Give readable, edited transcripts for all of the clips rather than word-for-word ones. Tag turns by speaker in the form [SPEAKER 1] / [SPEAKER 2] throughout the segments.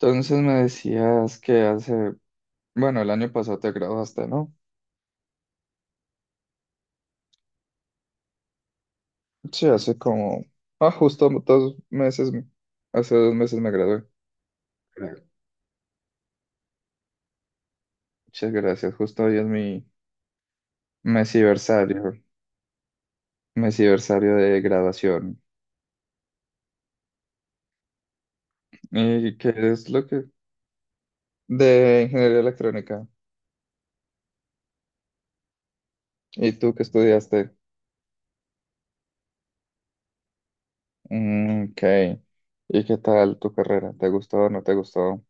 [SPEAKER 1] Entonces me decías que hace, bueno, el año pasado te graduaste, ¿no? Sí, hace como, ah, justo dos meses, hace dos meses me gradué. Claro. Muchas gracias, justo hoy es mi mesiversario, mesiversario de graduación. ¿Y qué es lo que? De ingeniería electrónica. ¿Y tú qué estudiaste? Ok. ¿Y qué tal tu carrera? ¿Te gustó o no te gustó?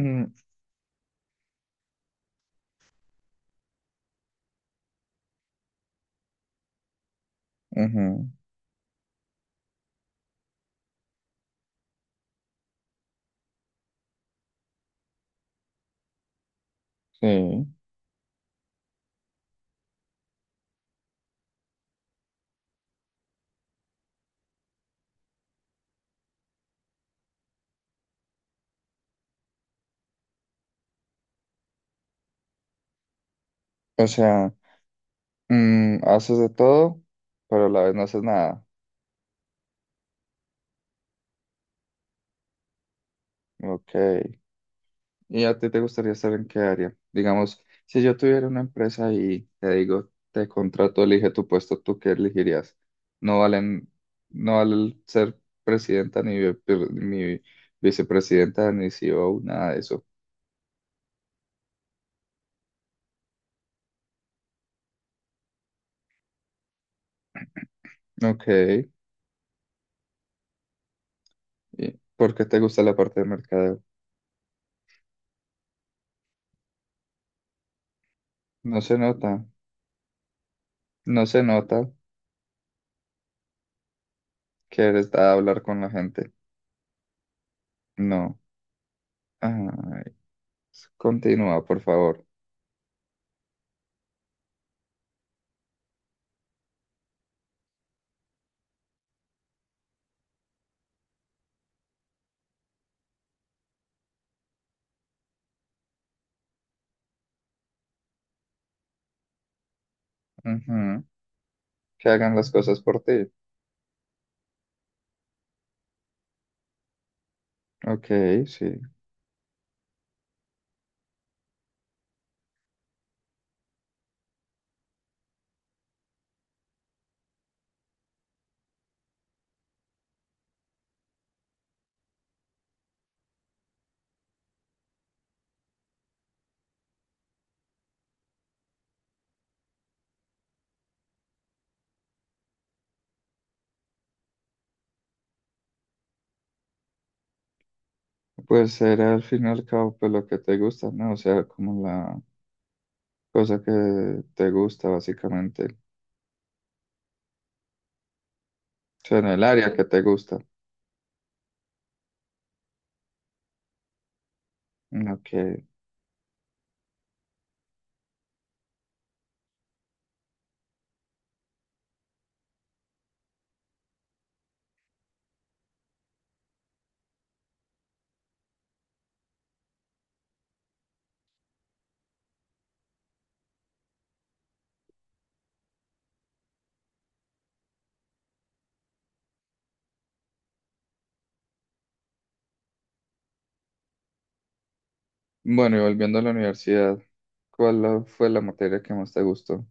[SPEAKER 1] Mm, ujú, sí. O sea. Haces de todo, pero a la vez no haces nada. Ok. ¿Y a ti te gustaría estar en qué área? Digamos, si yo tuviera una empresa y te digo, te contrato, elige tu puesto, ¿tú qué elegirías? No valen, no vale ser presidenta, ni, ni vicepresidenta, ni CEO, nada de eso. Ok. ¿Y por qué te gusta la parte de mercadeo? No se nota, no se nota que eres de hablar con la gente. No. Ay, continúa, por favor. Ujú, que hagan las cosas por ti. Ok, sí. Pues era al fin y al cabo pues, lo que te gusta, ¿no? O sea, como la cosa que te gusta, básicamente. O sea, en el área que te gusta. Ok. Bueno, y volviendo a la universidad, ¿cuál fue la materia que más te gustó?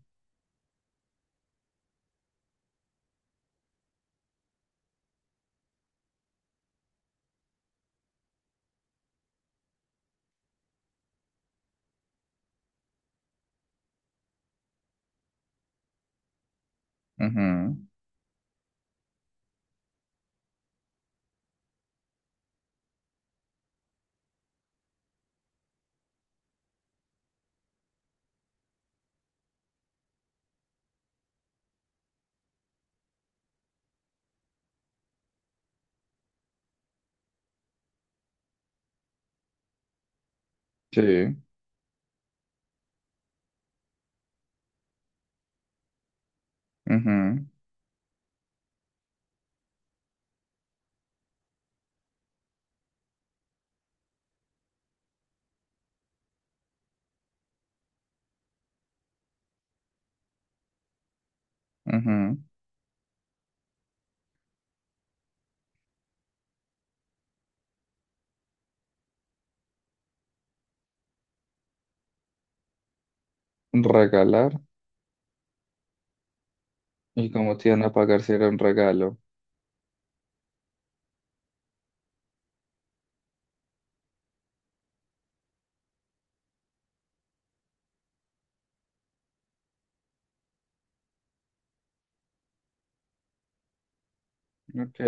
[SPEAKER 1] Ujú, sí. Ujú, ujú. Regalar. ¿Y cómo te iban a pagar si era un regalo? Ok.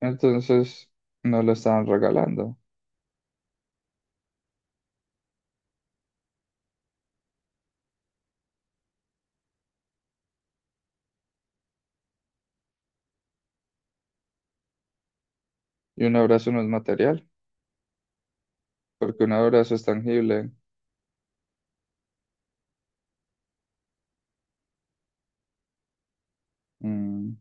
[SPEAKER 1] Entonces, no lo estaban regalando. ¿Y un abrazo no es material? Porque un abrazo es tangible. Mm,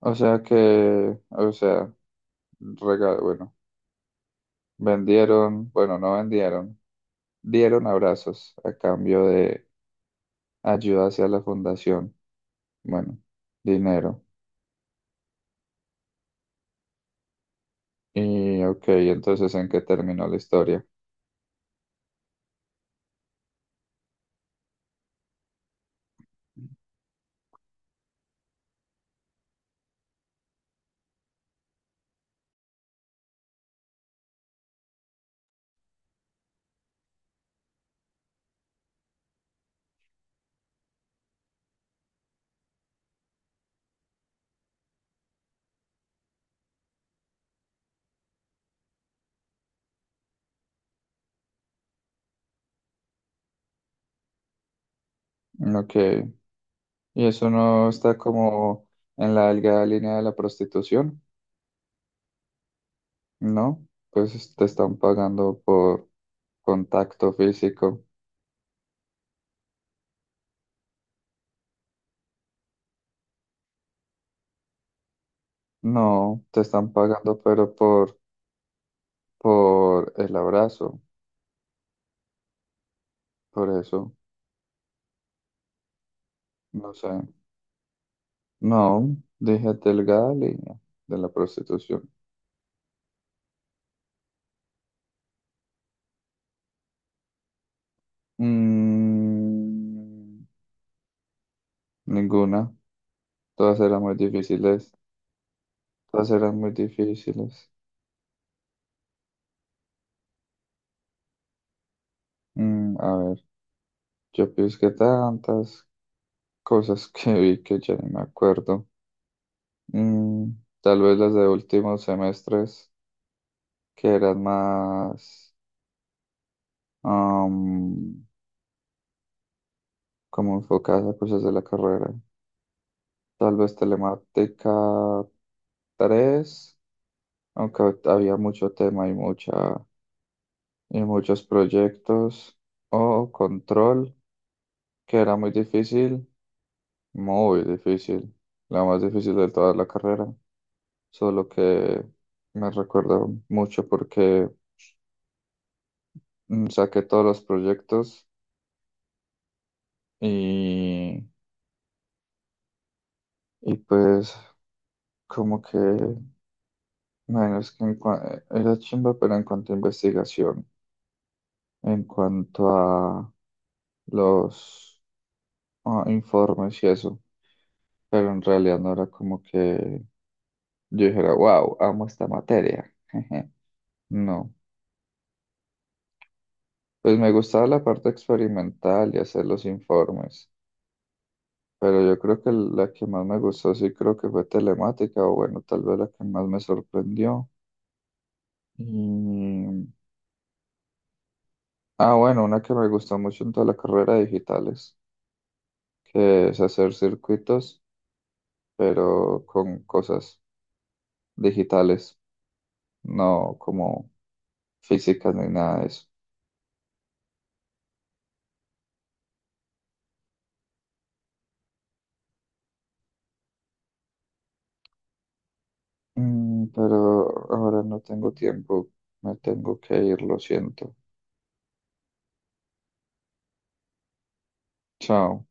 [SPEAKER 1] O sea que, o sea, regalo, bueno, vendieron, bueno, no vendieron, dieron abrazos a cambio de ayuda hacia la fundación. Bueno, dinero. Y ok, entonces ¿en qué terminó la historia? Ok, y eso no está como en la delgada línea de la prostitución, ¿no? Pues te están pagando por contacto físico. No, te están pagando, pero por el abrazo, por eso, no sé. No, déjate delgada línea de la prostitución. Mm, Ninguna. Todas eran muy difíciles. Todas eran muy difíciles. A ver, yo pienso que tantas cosas que vi que ya ni me acuerdo. Mm, Tal vez las de últimos semestres que eran más am, como enfocadas a cosas de la carrera. Tal vez telemática tres, aunque había mucho tema y muchos proyectos. O control, que era muy difícil, la más difícil de toda la carrera. Solo que me recuerda mucho porque saqué todos los proyectos y, y pues como que, bueno, es que era chimba, pero en cuanto a investigación, en cuanto a los informes y eso, pero en realidad no era como que yo dijera, wow, amo esta materia. No, pues me gustaba la parte experimental y hacer los informes, pero yo creo que la que más me gustó sí creo que fue telemática, o bueno, tal vez la que más me sorprendió. Y... Ah, bueno, una que me gustó mucho en toda la carrera de digitales, que es hacer circuitos, pero con cosas digitales, no como físicas ni nada de eso. Pero ahora no tengo tiempo. Me tengo que ir, lo siento. Chao.